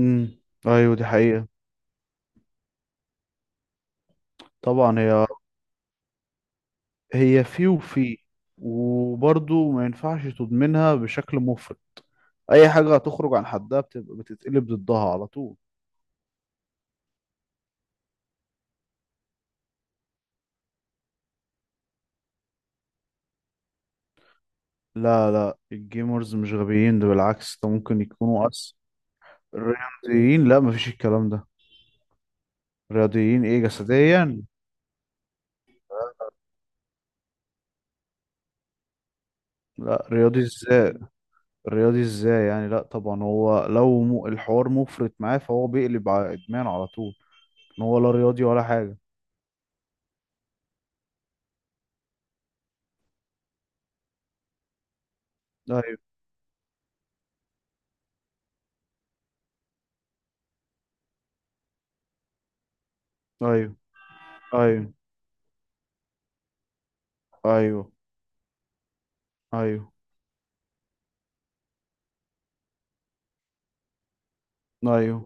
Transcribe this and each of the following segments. امم ايوه، دي حقيقة. طبعا هي. هي في وفي. وبرضه ما ينفعش تضمنها بشكل مفرط. اي حاجة هتخرج عن حدها بتبقى بتتقلب ضدها على طول. لا، لا، الجيمرز مش غبيين، ده بالعكس، ده ممكن يكونوا الرياضيين. لا، مفيش الكلام ده. رياضيين ايه جسديا؟ لا، رياضي ازاي؟ يعني لا، طبعا هو لو الحوار مفرط معاه فهو بيقلب على ادمان على طول. ان هو لا رياضي ولا حاجة. ايوه، ايوه، ايوه، ايوه، ايوه، ايوه،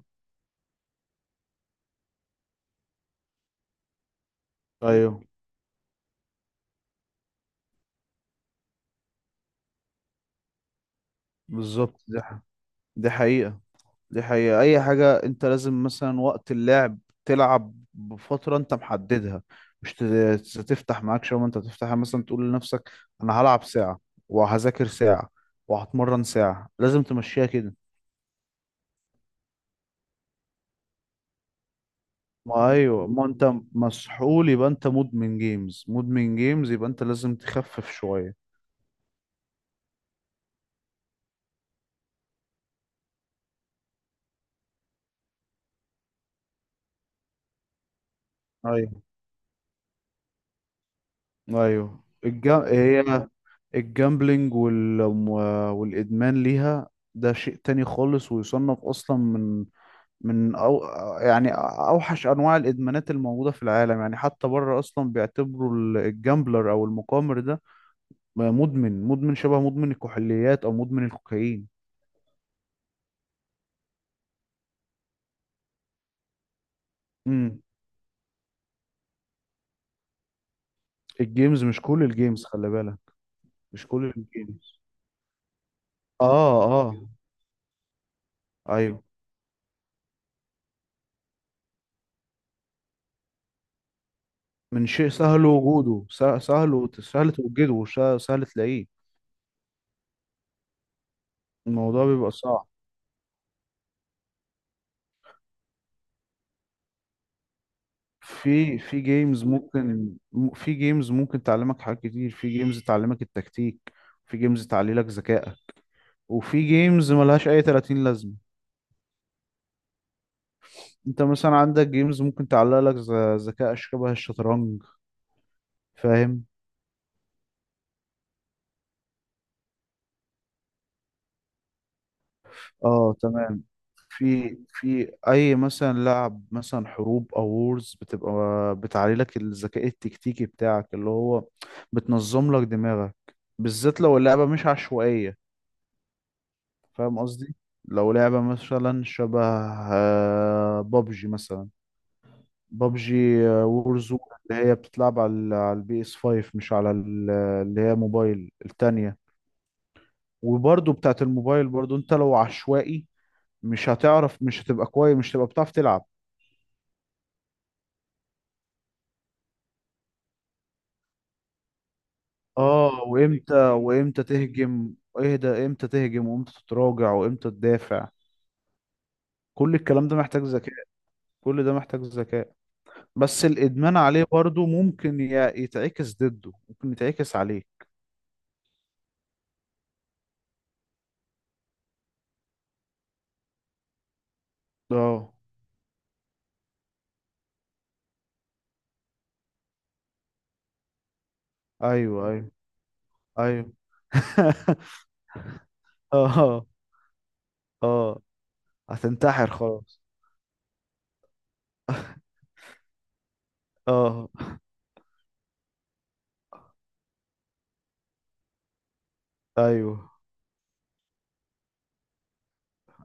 ايوه، بالظبط. دي حقيقة. دي حقيقة. اي حاجة، انت لازم مثلا وقت اللعب تلعب بفترة انت محددها، مش تفتح معاك شوية، انت تفتحها مثلا، تقول لنفسك: انا هلعب ساعة، وهذاكر ساعة، وهتمرن ساعة، لازم تمشيها كده. ما ايوه، ما انت مسحول، يبقى انت مدمن جيمز، مدمن جيمز، يبقى انت لازم تخفف شوية. ايوه، هي الجامبلينج، والادمان ليها، ده شيء تاني خالص، ويصنف اصلا من، من أو... يعني اوحش انواع الادمانات الموجوده في العالم. يعني حتى بره اصلا بيعتبروا الجامبلر او المقامر ده مدمن، شبه مدمن الكحوليات او مدمن الكوكايين. امم الجيمز، مش كل الجيمز خلي بالك. مش كل الجيمز. اه، اه. ايوه، من شيء سهل وجوده، سهل سهل توجده، وسهل تلاقيه. الموضوع بيبقى صعب. في جيمز ممكن في جيمز ممكن تعلمك حاجات كتير، في جيمز تعلمك التكتيك، في جيمز تعلي لك ذكائك، وفي جيمز ملهاش اي 30 لازمة. انت مثلا عندك جيمز ممكن تعلق لك ذكاء شبه الشطرنج، فاهم؟ اه، تمام. في اي مثلا لعب مثلا حروب او وورز، بتبقى بتعلي لك الذكاء التكتيكي بتاعك، اللي هو بتنظم لك دماغك، بالذات لو اللعبة مش عشوائية. فاهم قصدي؟ لو لعبة مثلا شبه، بابجي مثلا، بابجي، وورزون، اللي هي بتتلعب على البي اس 5، مش على اللي هي موبايل التانية. وبرضو بتاعت الموبايل برضو، انت لو عشوائي، مش هتعرف، مش هتبقى كويس، مش هتبقى بتعرف تلعب. اه، وامتى تهجم. ايه ده، امتى تهجم، وامتى تتراجع، وامتى تدافع، كل الكلام ده محتاج ذكاء. كل ده محتاج ذكاء. بس الادمان عليه برضو ممكن يتعكس ضده، ممكن يتعكس عليه. اه، ايوه، ايوه، ايوه. اه، اه. هتنتحر خلاص. اه، ايوه،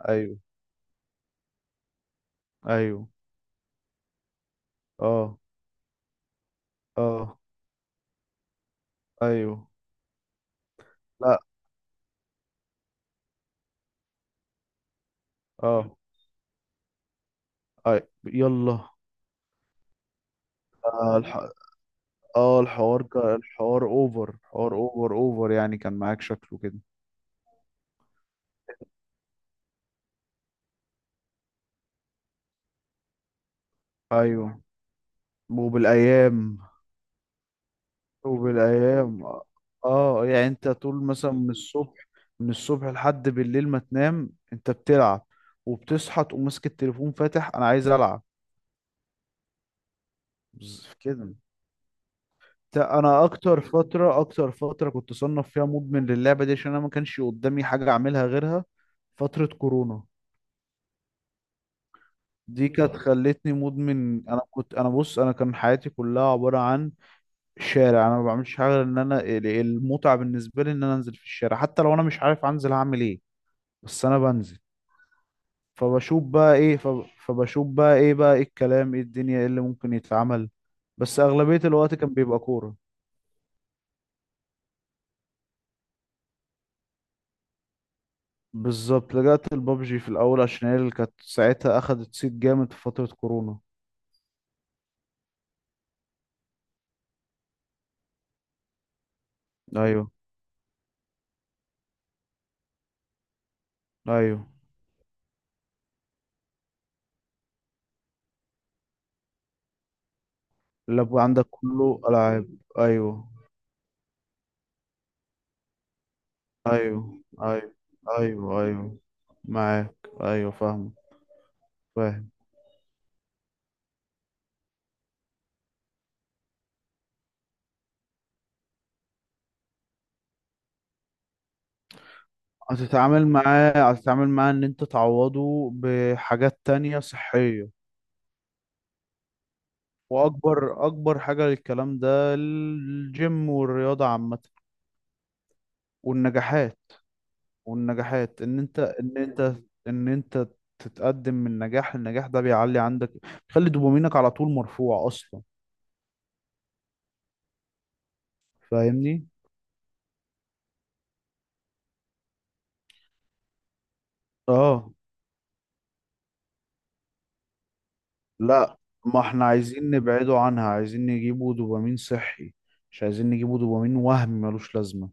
ايوه، ايوه، اه، اه، ايوه، لا، اه، اي، يلا، اه، الحوار الحوار اوفر، حوار اوفر اوفر يعني، كان معاك شكله كده. ايوه، وبالايام وبالايام، اه، يعني انت طول مثلا من الصبح لحد بالليل ما تنام انت بتلعب، وبتصحى تقوم ماسك التليفون فاتح: انا عايز العب. كده، انا اكتر فتره كنت صنف فيها مدمن للعبه دي، عشان انا ما كانش قدامي حاجه اعملها غيرها. فتره كورونا دي كانت خلتني مدمن. انا كنت، انا بص، انا كان حياتي كلها عباره عن شارع، انا ما بعملش حاجه غير ان انا، المتعه بالنسبه لي ان انا انزل في الشارع، حتى لو انا مش عارف انزل هعمل ايه، بس انا بنزل، فبشوف بقى ايه. بقى ايه الكلام، ايه الدنيا، ايه اللي ممكن يتعمل. بس اغلبية الوقت كان بيبقى كورة. بالظبط، لجأت البابجي في الاول، عشان هي اللي كانت ساعتها اخدت صيت جامد في فترة كورونا. ايوه، ايوه. اللاب عندك كله العاب. ايوه، ايوه، ايوه، ايوه، ايوه، معاك، ايوه، فاهم. فاهم. هتتعامل معاه ان انت تعوضه بحاجات تانية صحية. واكبر اكبر حاجه للكلام ده: الجيم، والرياضه عامه، والنجاحات، والنجاحات ان انت ان انت ان انت تتقدم من نجاح لنجاح، ده بيعلي عندك، بيخلي دوبامينك على طول مرفوع اصلا، فاهمني. اه، لا، ما احنا عايزين نبعده عنها، عايزين نجيبه دوبامين صحي، مش عايزين نجيبه دوبامين وهم ملوش لازمه،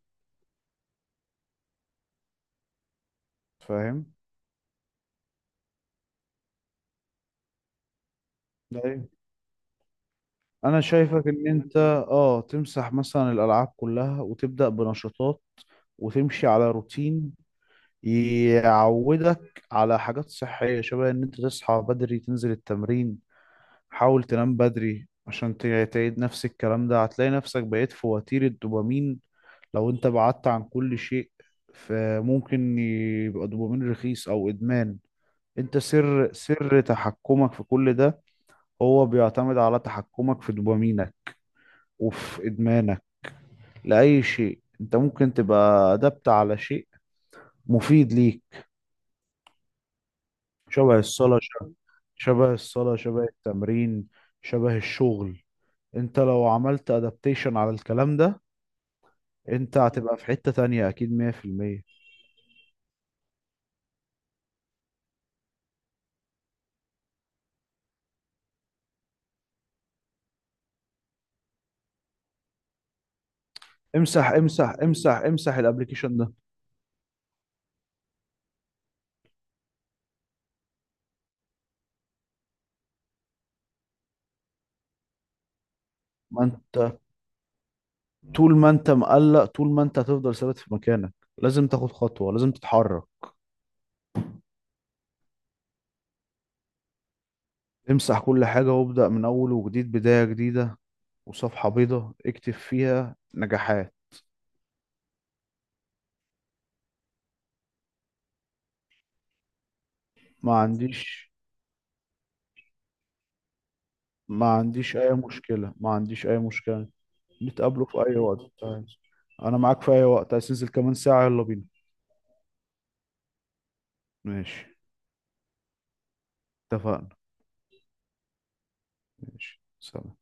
فاهم؟ ده انا شايفك ان انت، اه تمسح مثلا الالعاب كلها، وتبدا بنشاطات، وتمشي على روتين، يعودك على حاجات صحيه، شبه ان انت تصحى بدري، تنزل التمرين، حاول تنام بدري، عشان تعيد نفس الكلام ده هتلاقي نفسك بقيت في وتيره دوبامين. لو انت بعدت عن كل شيء فممكن يبقى دوبامين رخيص او ادمان. انت سر تحكمك في كل ده، هو بيعتمد على تحكمك في دوبامينك وفي إدمانك لأي شيء. أنت ممكن تبقى أدبت على شيء مفيد ليك، شبه الصلاة، شبه الصلاة، شبه التمرين، شبه الشغل. أنت لو عملت أدابتيشن على الكلام ده، أنت هتبقى في حتة تانية أكيد 100%. امسح، امسح، امسح، امسح الابليكيشن ده. ما انت، طول ما انت مقلق، طول ما انت هتفضل ثابت في مكانك، لازم تاخد خطوة، لازم تتحرك. امسح كل حاجة وابدأ من أول وجديد، بداية جديدة، وصفحة بيضة اكتب فيها نجاحات. ما عنديش ما عنديش أي مشكلة، ما عنديش أي مشكلة. نتقابلوا في أي وقت، طيب. أنا معاك في أي وقت، عايز تنزل كمان ساعة يلا بينا. ماشي، اتفقنا. ماشي، سلام.